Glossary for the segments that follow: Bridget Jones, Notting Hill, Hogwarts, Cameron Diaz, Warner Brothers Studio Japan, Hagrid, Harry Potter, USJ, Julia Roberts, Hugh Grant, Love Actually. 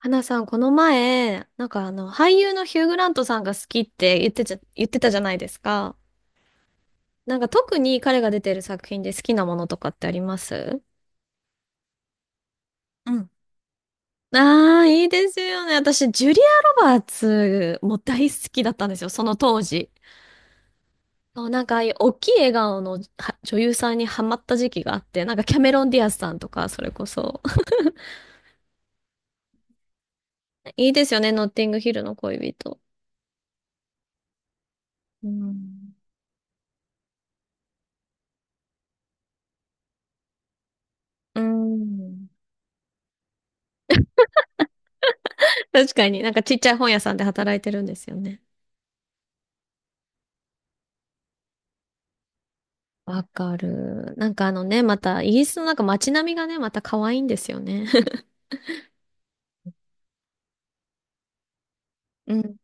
花さん、この前、俳優のヒュー・グラントさんが好きって言ってちゃ、言ってたじゃないですか。なんか特に彼が出てる作品で好きなものとかってあります？うん。ああー、いいですよね。私、ジュリア・ロバーツも大好きだったんですよ、その当時。そう、なんか、ああいう大きい笑顔の女優さんにハマった時期があって、なんかキャメロン・ディアスさんとか、それこそ。いいですよね、ノッティングヒルの恋人。うん。うん。確かになんかちっちゃい本屋さんで働いてるんですよね。わかる。また、イギリスのなんか街並みがね、また可愛いんですよね。うん。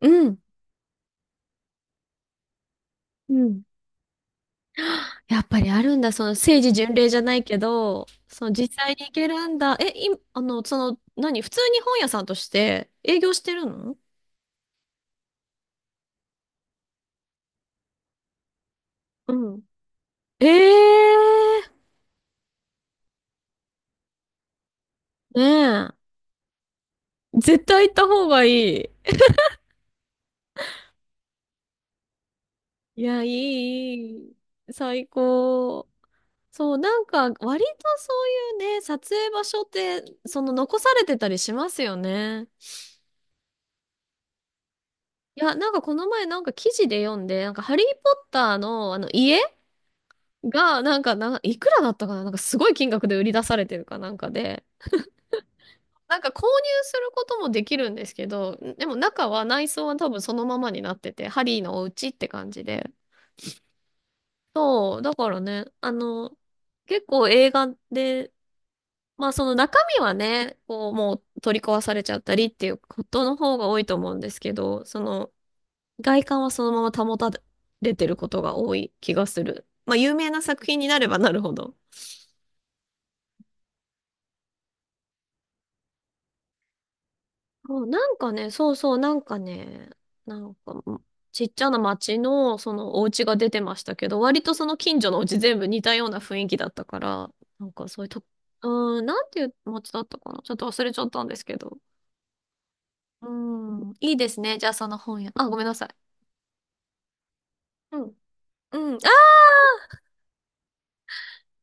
うん。うん。やっぱりあるんだ。その政治巡礼じゃないけど、その実際に行けるんだ。え、い、あの、その、何普通に本屋さんとして営業してるの？うん。ええー、ねえ。絶対行った方がいい。いや、いい、いい最高。そう、なんか、割とそういうね、撮影場所って、その残されてたりしますよね。いや、なんかこの前なんか記事で読んで、なんかハリー・ポッターのあの家が、なんかな、いくらだったかな、なんかすごい金額で売り出されてるかなんかで、なんか購入することもできるんですけど、でも中は内装は多分そのままになってて、ハリーのお家って感じで。そう、だからね、結構映画で、まあその中身はね、こうもう取り壊されちゃったりっていうことの方が多いと思うんですけど、その外観はそのまま保たれてることが多い気がする。まあ有名な作品になればなるほど。そうなんかね、そうそう、なんかね、なんかうんちっちゃな町のそのお家が出てましたけど、割とその近所のお家全部似たような雰囲気だったから、なんかそういうと、うーん、なんていう町だったかなちょっと忘れちゃったんですけど。うーん、いいですね。じゃあその本屋。あ、ごめんなさい。うん。うん。あ、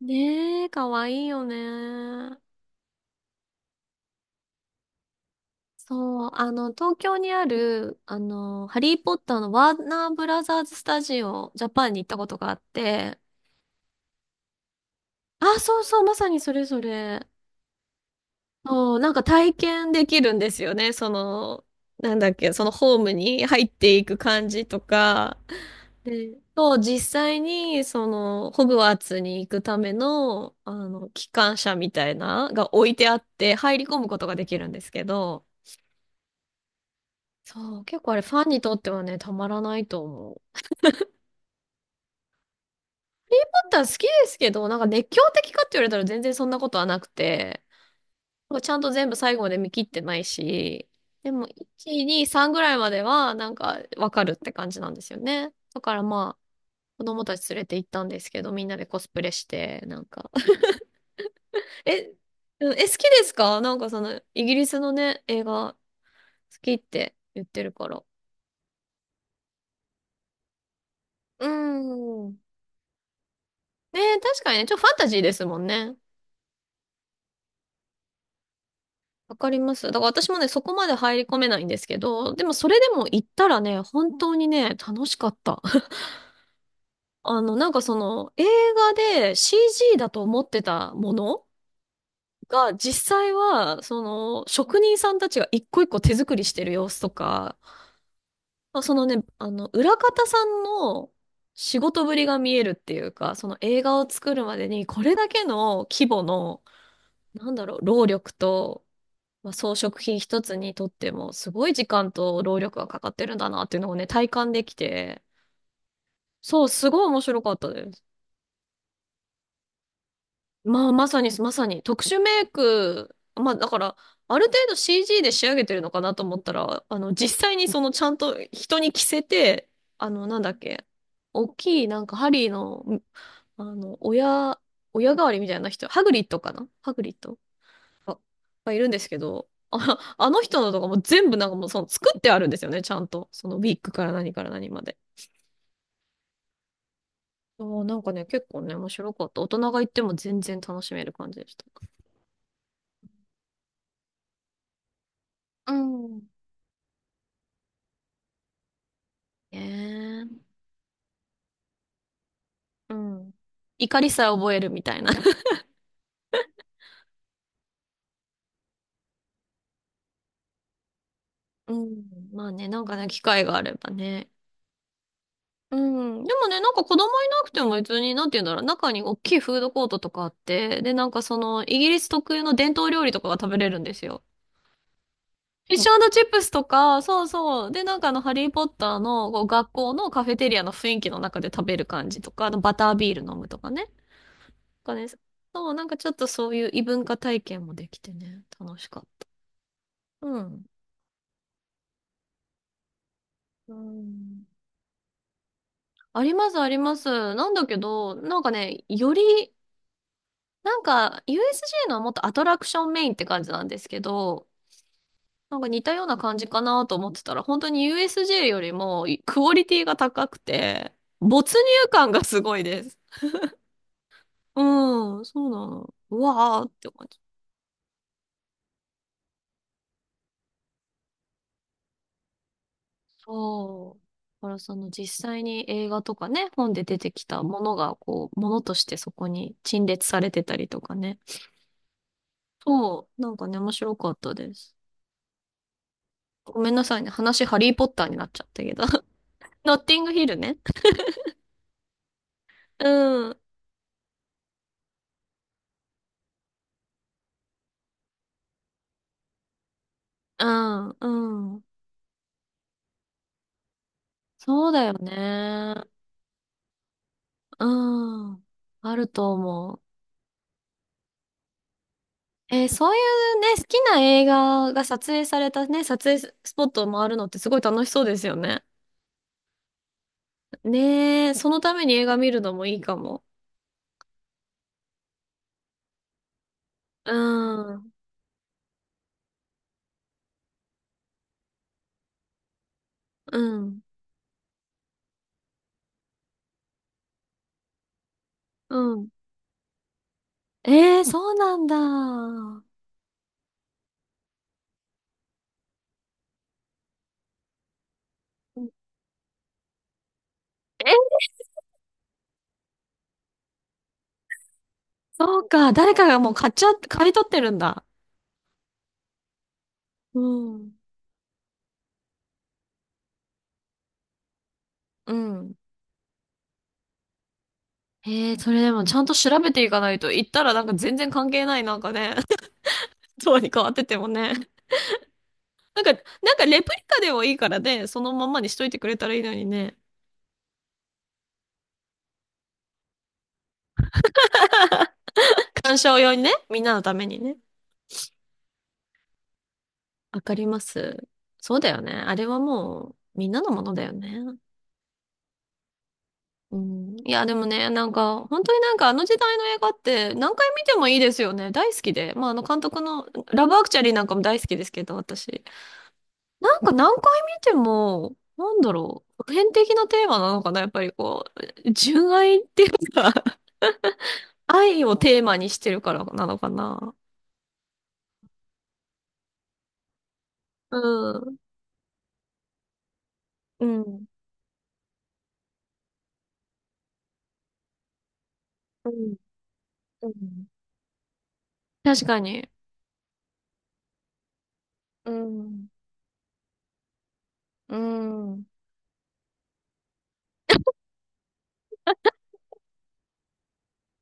ねえ、かわいいよね。そう、東京にある、ハリー・ポッターのワーナーブラザーズスタジオ、ジャパンに行ったことがあって、あ、そうそう、まさにそれそれ。そう、なんか体験できるんですよね。その、なんだっけ、そのホームに入っていく感じとか、で、と、実際に、その、ホグワーツに行くための、あの、機関車みたいな、が置いてあって、入り込むことができるんですけど、そう、結構あれ、ファンにとってはね、たまらないと思う。だったら好きですけど、なんか熱狂的かって言われたら全然そんなことはなくて、なんかちゃんと全部最後まで見切ってないし、でも、1、2、3ぐらいまでは、なんか、わかるって感じなんですよね。だからまあ、子供たち連れて行ったんですけど、みんなでコスプレして、なんか、え、うんえ、好きですか？なんかその、イギリスのね、映画、好きって言ってるから。うーん。ね、確かにね、ちょっとファンタジーですもんね。わかります。だから私もね、そこまで入り込めないんですけど、でもそれでも行ったらね、本当にね、楽しかった。あの、なんかその、映画で CG だと思ってたものが、実際は、その、職人さんたちが一個一個手作りしてる様子とか、そうそのね、あの、裏方さんの仕事ぶりが見えるっていうか、その映画を作るまでに、これだけの規模の、なんだろう、労力と、まあ、装飾品一つにとっても、すごい時間と労力がかかってるんだなっていうのをね、体感できて、そう、すごい面白かったです。まあ、まさに、まさに、特殊メイク、まあ、だから、ある程度 CG で仕上げてるのかなと思ったら、あの、実際にその、ちゃんと人に着せて、あの、なんだっけ、大きい、なんか、ハリーの、あの、親代わりみたいな人、ハグリッドが、いるんですけど、あの人のとかも全部なんかもう、その、作ってあるんですよね、ちゃんと。その、ウィッグから何から何まで。そうなんかね、結構ね、面白かった。大人が行っても全然楽しめる感じでした。うん。ねえ。うん。怒りさえ覚えるみたいな。うん。まあね、なんかね、機会があればね。うん。でもね、なんか子供いなくても別に、なんて言うんだろう、中に大きいフードコートとかあって、で、なんかその、イギリス特有の伝統料理とかが食べれるんですよ。フィッシュチップスとか、そうそう。で、なんかあの、ハリーポッターのこう学校のカフェテリアの雰囲気の中で食べる感じとか、あのバタービール飲むとかね。なんかね、そう、なんかちょっとそういう異文化体験もできてね、楽しかった。うん。うん。あります、あります。なんだけど、なんかね、より、なんか、USJ のはもっとアトラクションメインって感じなんですけど、なんか似たような感じかなと思ってたら、本当に USJ よりもクオリティが高くて、没入感がすごいです。うん、そうなの。うわーって感じ。そう。だからその実際に映画とかね、本で出てきたものが、こう、ものとしてそこに陳列されてたりとかね。そう、なんかね、面白かったです。ごめんなさいね。話、ハリーポッターになっちゃったけど。ノッティングヒルね。うん、うん、うん。そうだよね。うん。あると思う。えー、そういうね、好きな映画が撮影されたね、撮影スポットを回るのってすごい楽しそうですよね。ねえ、そのために映画見るのもいいかも。うん、うん、うん。えー、そうなんだ。え、そうか。誰かがもう買っちゃ、買い取ってるんだ。うん、うん。ええ、それでもちゃんと調べていかないと、行ったらなんか全然関係ないなんかね、そうに変わっててもね。なんか、なんかレプリカでもいいからね、そのまんまにしといてくれたらいいのにね。鑑賞用にね、みんなのためにね。わかります。そうだよね。あれはもう、みんなのものだよね。うん。いや、でもね、なんか、本当になんかあの時代の映画って何回見てもいいですよね。大好きで。まあ、あの監督の、ラブアクチャリーなんかも大好きですけど、私。なんか何回見ても、なんだろう、普遍的なテーマなのかな、やっぱりこう、純愛っていうか、愛をテーマにしてるからなのかな。うん、うん、うん、うん、確かに。うん、うん。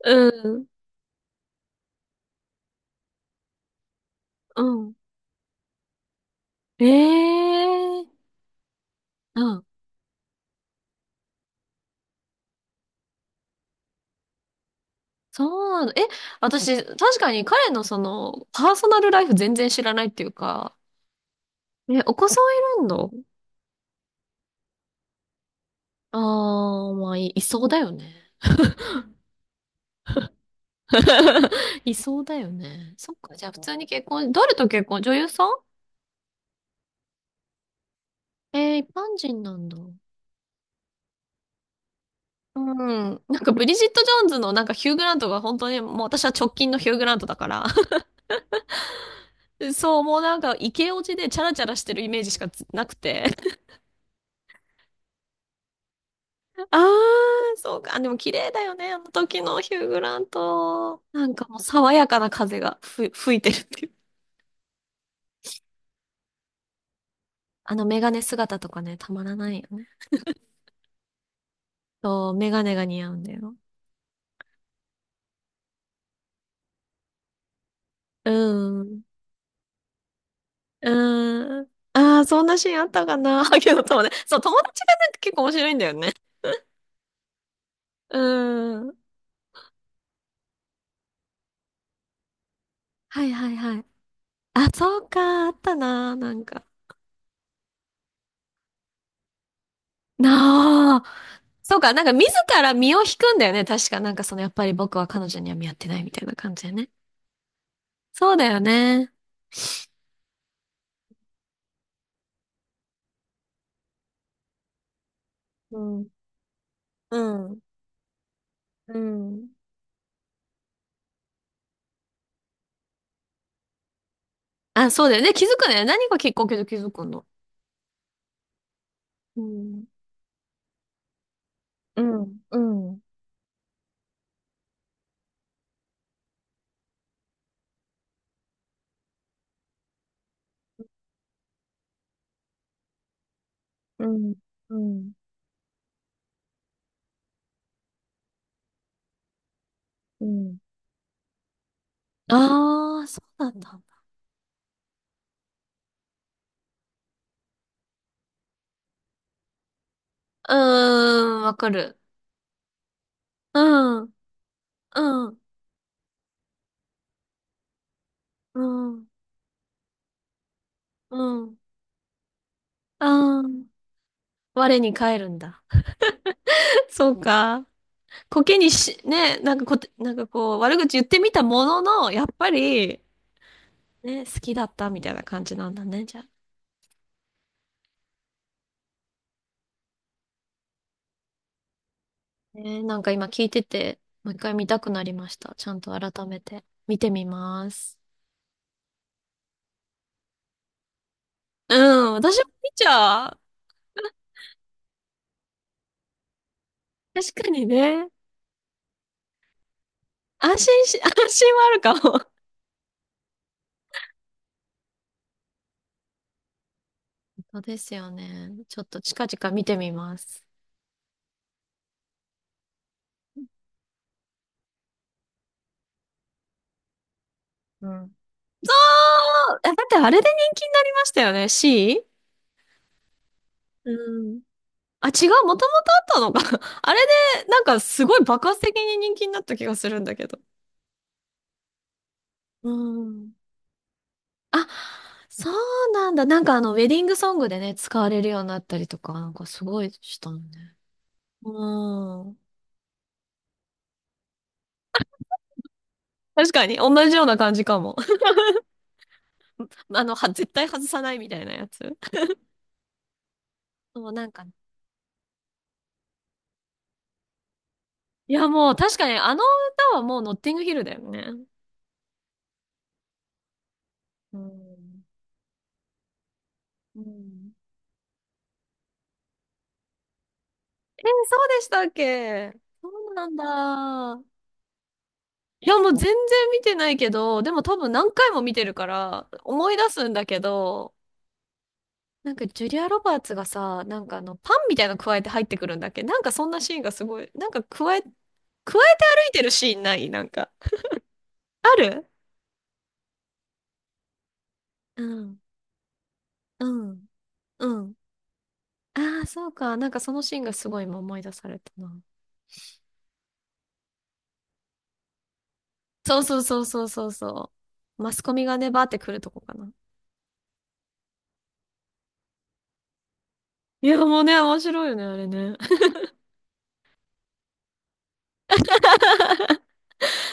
うん、うん。ええうん。そうなの。え、私、確かに彼のその、パーソナルライフ全然知らないっていうか、え、お子さんいるんだ。ああ、いそうだよね。いそうだよね。そっか、じゃあ普通に結婚、誰と結婚女優さん？えー、一般人なんだ。うん。なんかブリジット・ジョーンズのなんかヒュー・グラントが本当にもう私は直近のヒュー・グラントだから、 そう、もうなんかイケオジでチャラチャラしてるイメージしかつなくて。あー、そうか。でも綺麗だよね、あの時のヒュー・グラント。なんかもう爽やかな風が吹いてるっていう。あのメガネ姿とかね、たまらないよね。そう、メガネが似合うんだよ。うん。うーん。ああ、そんなシーンあったかな。ハゲの友達。そう、友達がなんか結構面白いんだよね。うーん。はいはいはい。あ、そうか、あったな、なんか。なあ。そうか、なんか自ら身を引くんだよね、確か。なんかその、やっぱり僕は彼女には見合ってないみたいな感じだよね。そうだよね。うん。うん。うん。あ、そうだよね。気づくね。何がきっかけで気づくの？うん。うん。うん。うん。うん。うん。ああ、そうなんだ。うーん、わかる。うん、うん、うん、うん、うん。我に返るんだ。そうか。コケにし、ね、なんかこう、悪口言ってみたものの、やっぱり、ね、好きだったみたいな感じなんだね、じゃあ。ね、なんか今聞いてて、もう一回見たくなりました。ちゃんと改めて見てみます。うん、私も見ちゃう。確かにね。安心し、安心はあるかも。そうですよね。ちょっと近々見てみます。うん。そう。え、だってあれで人気になりましたよね？C? うん。あ、違う、もともとあったのか。あれで、なんかすごい爆発的に人気になった気がするんだけど。うん。あ、そうなんだ。なんかあの、ウェディングソングでね、使われるようになったりとか、なんかすごいしたのね。うん。確かに、同じような感じかも。あの、は、絶対外さないみたいなやつ。もう、なんか、いや、もう確かに、あの歌はもうノッティングヒルだよね。うん。うん。えー、そうでしたっけ？そうなんだ。いや、もう全然見てないけど、でも多分何回も見てるから、思い出すんだけど、なんかジュリア・ロバーツがさ、なんかあの、パンみたいなの加えて入ってくるんだっけ？なんかそんなシーンがすごい、加えて歩いてるシーンないなんか？ある。うん、うん、うん。ああ、そうか。なんかそのシーンがすごい今思い出されたな。そうそうそうそうそうそう。マスコミがね、バーって来るとこかな。いや、もうね、面白いよね、あれね。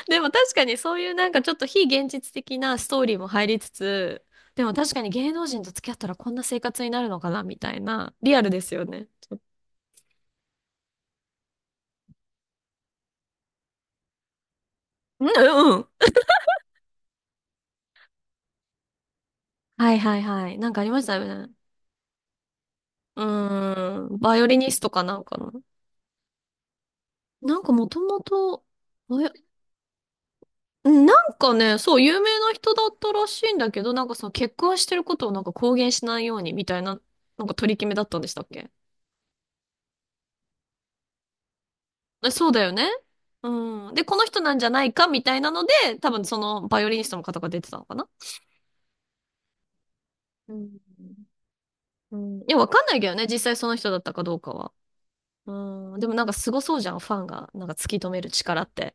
でも確かにそういうなんかちょっと非現実的なストーリーも入りつつ、でも確かに芸能人と付き合ったらこんな生活になるのかなみたいな、リアルですよね。うんうん。はいはいはい。なんかありましたよね。うーん。バイオリニストかなんかの。なんかもともと、バイオうん、なんかね、そう、有名な人だったらしいんだけど、なんかその結婚してることをなんか公言しないようにみたいな、なんか取り決めだったんでしたっけ？え、そうだよね。うん。で、この人なんじゃないかみたいなので、多分そのバイオリニストの方が出てたのかな。うん。うん。いや、わかんないけどね、実際その人だったかどうかは。うん。でもなんかすごそうじゃん、ファンが。なんか突き止める力って。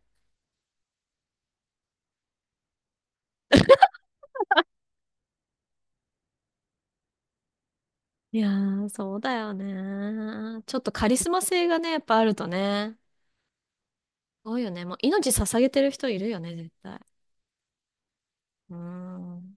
いやー、そうだよね。ちょっとカリスマ性がね、やっぱあるとね。すごいよね。もう命捧げてる人いるよね、絶対。うん。